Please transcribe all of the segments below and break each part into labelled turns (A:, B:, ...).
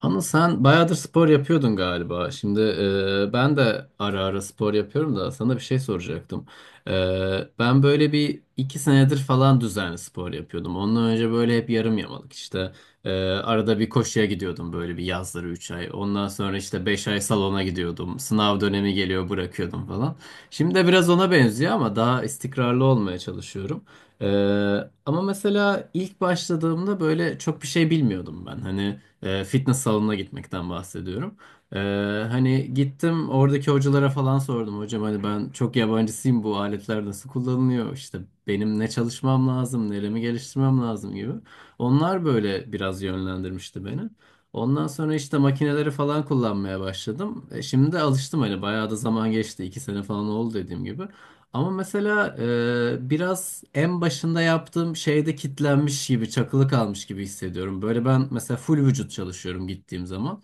A: Ama sen bayağıdır spor yapıyordun galiba. Şimdi ben de ara ara spor yapıyorum da sana bir şey soracaktım. E, Ben böyle bir iki senedir falan düzenli spor yapıyordum. Ondan önce böyle hep yarım yamalık işte. Arada bir koşuya gidiyordum böyle bir yazları 3 ay. Ondan sonra işte 5 ay salona gidiyordum. Sınav dönemi geliyor bırakıyordum falan. Şimdi de biraz ona benziyor ama daha istikrarlı olmaya çalışıyorum. E, Ama mesela ilk başladığımda böyle çok bir şey bilmiyordum ben. Hani... Fitness salonuna gitmekten bahsediyorum. E, Hani gittim oradaki hocalara falan sordum. Hocam hani ben çok yabancısıyım, bu aletler nasıl kullanılıyor? İşte benim ne çalışmam lazım, neremi geliştirmem lazım gibi. Onlar böyle biraz yönlendirmişti beni. Ondan sonra işte makineleri falan kullanmaya başladım. Şimdi de alıştım, hani bayağı da zaman geçti. İki sene falan oldu dediğim gibi. Ama mesela biraz en başında yaptığım şeyde kitlenmiş gibi, çakılı kalmış gibi hissediyorum. Böyle ben mesela full vücut çalışıyorum gittiğim zaman.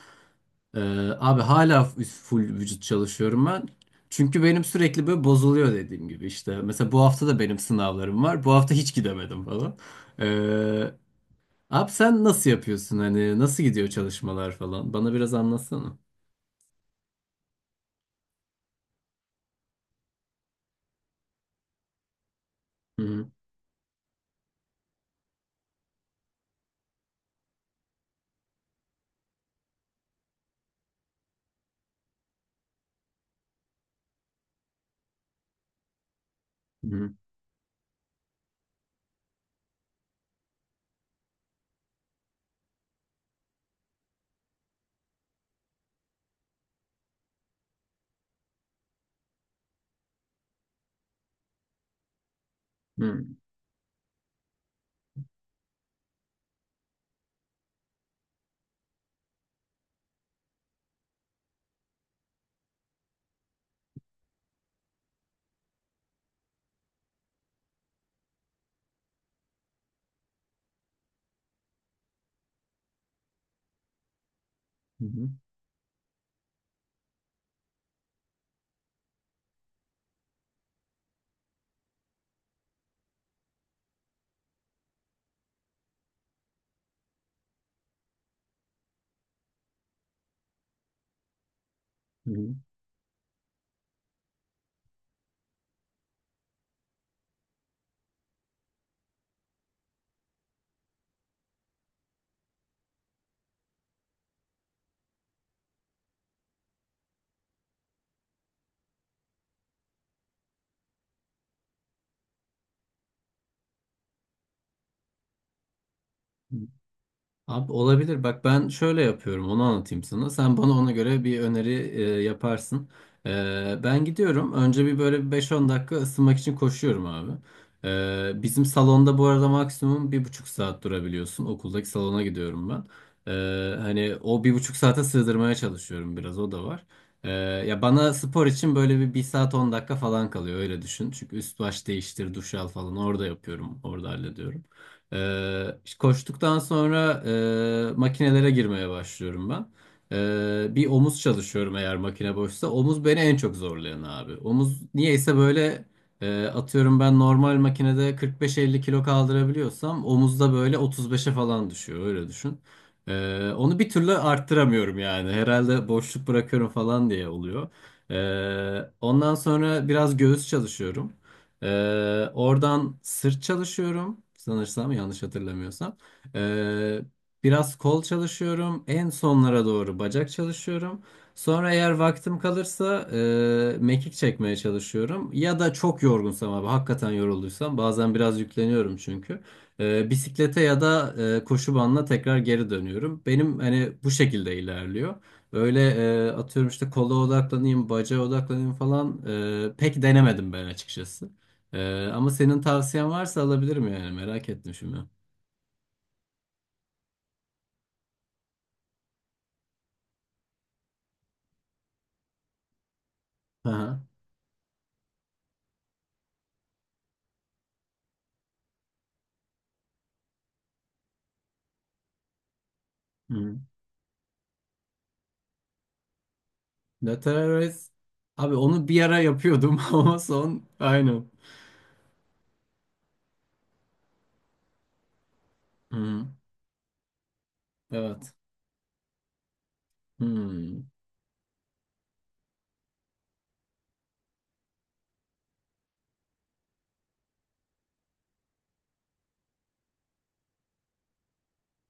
A: E, Abi hala full vücut çalışıyorum ben. Çünkü benim sürekli böyle bozuluyor dediğim gibi işte. Mesela bu hafta da benim sınavlarım var. Bu hafta hiç gidemedim falan. E, Abi sen nasıl yapıyorsun, hani nasıl gidiyor çalışmalar falan? Bana biraz anlatsana. Hı hı hı hı hı hı. Hı. Abi olabilir. Bak ben şöyle yapıyorum. Onu anlatayım sana. Sen bana ona göre bir öneri yaparsın. Ben gidiyorum. Önce bir böyle bir 5-10 dakika ısınmak için koşuyorum abi. Bizim salonda bu arada maksimum bir buçuk saat durabiliyorsun. Okuldaki salona gidiyorum ben. Hani o bir buçuk saate sığdırmaya çalışıyorum biraz. O da var. E, Ya bana spor için böyle bir saat 10 dakika falan kalıyor. Öyle düşün. Çünkü üst baş değiştir, duş al falan orada yapıyorum. Orada hallediyorum. İşte koştuktan sonra makinelere girmeye başlıyorum ben. Bir omuz çalışıyorum eğer makine boşsa. Omuz beni en çok zorlayan abi. Omuz niyeyse böyle atıyorum ben normal makinede 45-50 kilo kaldırabiliyorsam omuzda böyle 35'e falan düşüyor, öyle düşün. Onu bir türlü arttıramıyorum yani. Herhalde boşluk bırakıyorum falan diye oluyor. Ondan sonra biraz göğüs çalışıyorum. Oradan sırt çalışıyorum sanırsam, yanlış hatırlamıyorsam. Ee, Biraz kol çalışıyorum. En sonlara doğru bacak çalışıyorum. Sonra eğer vaktim kalırsa mekik çekmeye çalışıyorum. Ya da çok yorgunsam abi, hakikaten yorulduysam bazen biraz yükleniyorum çünkü. Bisiklete ya da koşu bandına tekrar geri dönüyorum. Benim hani bu şekilde ilerliyor. Öyle atıyorum işte kola odaklanayım, bacağa odaklanayım falan pek denemedim ben açıkçası. Ama senin tavsiyen varsa alabilirim, yani merak ettim şimdi. Aha. Hı. The Terrorist. Abi onu bir ara yapıyordum ama son aynen. Hı. Evet. Hı.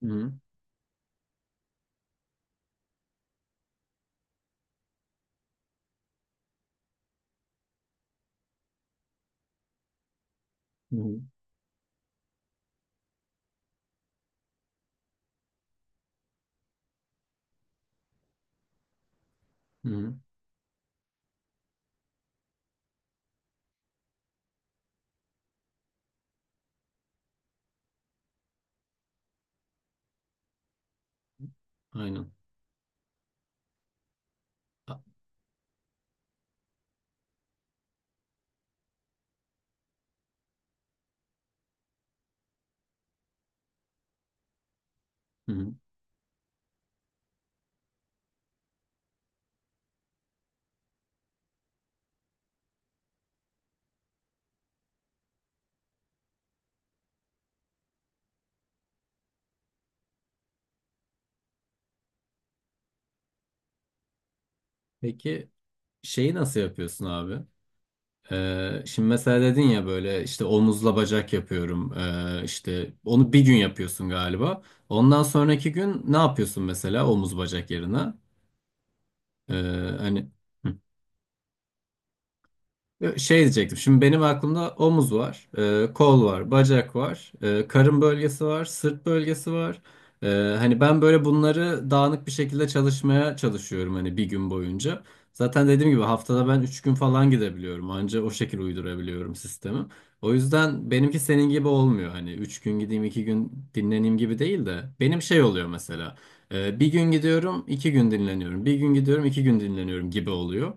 A: Hı. Hı. Hı. Aynen. A-. Hı. Peki şeyi nasıl yapıyorsun abi? Şimdi mesela dedin ya, böyle işte omuzla bacak yapıyorum. İşte onu bir gün yapıyorsun galiba. Ondan sonraki gün ne yapıyorsun mesela omuz bacak yerine? Ee, hani. Şey diyecektim. Şimdi benim aklımda omuz var, kol var, bacak var, karın bölgesi var, sırt bölgesi var. E, Hani ben böyle bunları dağınık bir şekilde çalışmaya çalışıyorum, hani bir gün boyunca. Zaten dediğim gibi haftada ben 3 gün falan gidebiliyorum. Anca o şekil uydurabiliyorum sistemi. O yüzden benimki senin gibi olmuyor. Hani 3 gün gideyim, 2 gün dinleneyim gibi değil de. Benim şey oluyor mesela. Bir gün gidiyorum, 2 gün dinleniyorum. Bir gün gidiyorum, 2 gün dinleniyorum gibi oluyor.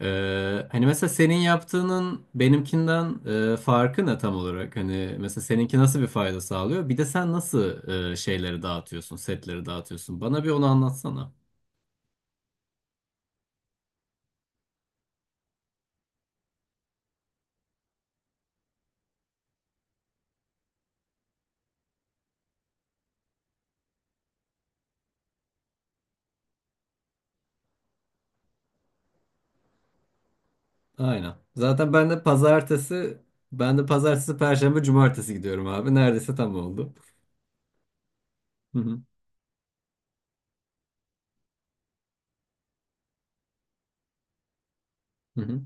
A: Hani mesela senin yaptığının benimkinden farkı ne tam olarak? Hani mesela seninki nasıl bir fayda sağlıyor? Bir de sen nasıl şeyleri dağıtıyorsun, setleri dağıtıyorsun? Bana bir onu anlatsana. Aynen. Zaten ben de pazartesi, Ben de pazartesi, perşembe, cumartesi gidiyorum abi. Neredeyse tam oldu. Hı hı. Hı hı.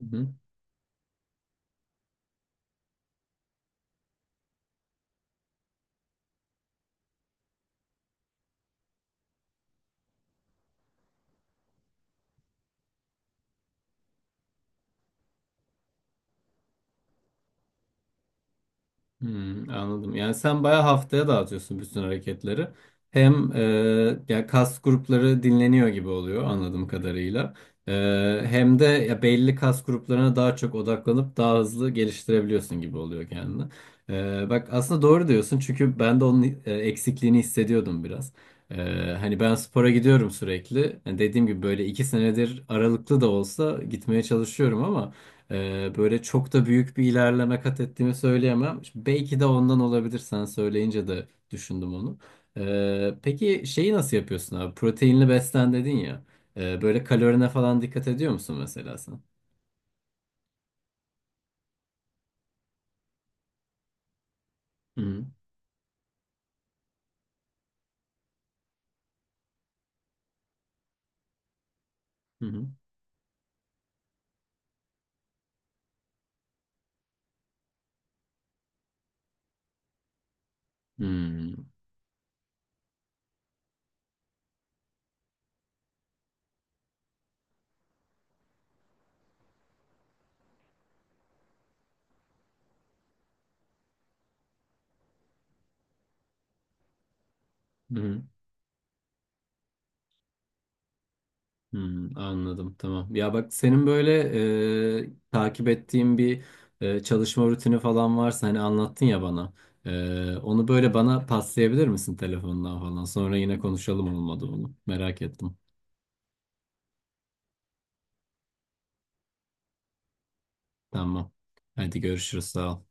A: Hı hı. Hmm, anladım. Yani sen bayağı haftaya dağıtıyorsun bütün hareketleri. Hem ya kas grupları dinleniyor gibi oluyor, anladığım kadarıyla. E, Hem de ya belli kas gruplarına daha çok odaklanıp daha hızlı geliştirebiliyorsun gibi oluyor kendini. Bak aslında doğru diyorsun, çünkü ben de onun eksikliğini hissediyordum biraz. Hani ben spora gidiyorum sürekli. Yani dediğim gibi böyle iki senedir aralıklı da olsa gitmeye çalışıyorum ama. Böyle çok da büyük bir ilerleme kat ettiğimi söyleyemem. Şimdi belki de ondan olabilir, sen söyleyince de düşündüm onu. Peki şeyi nasıl yapıyorsun abi? Proteinli beslen dedin ya. Böyle kalorine falan dikkat ediyor musun mesela sen? Hı hı. Hı hı. Hı hı. Hmm, anladım, tamam. Ya bak senin böyle takip ettiğin bir çalışma rutini falan varsa, hani anlattın ya bana. Onu böyle bana paslayabilir misin telefondan falan? Sonra yine konuşalım olmadı onu. Merak ettim. Tamam. Hadi görüşürüz, sağ ol.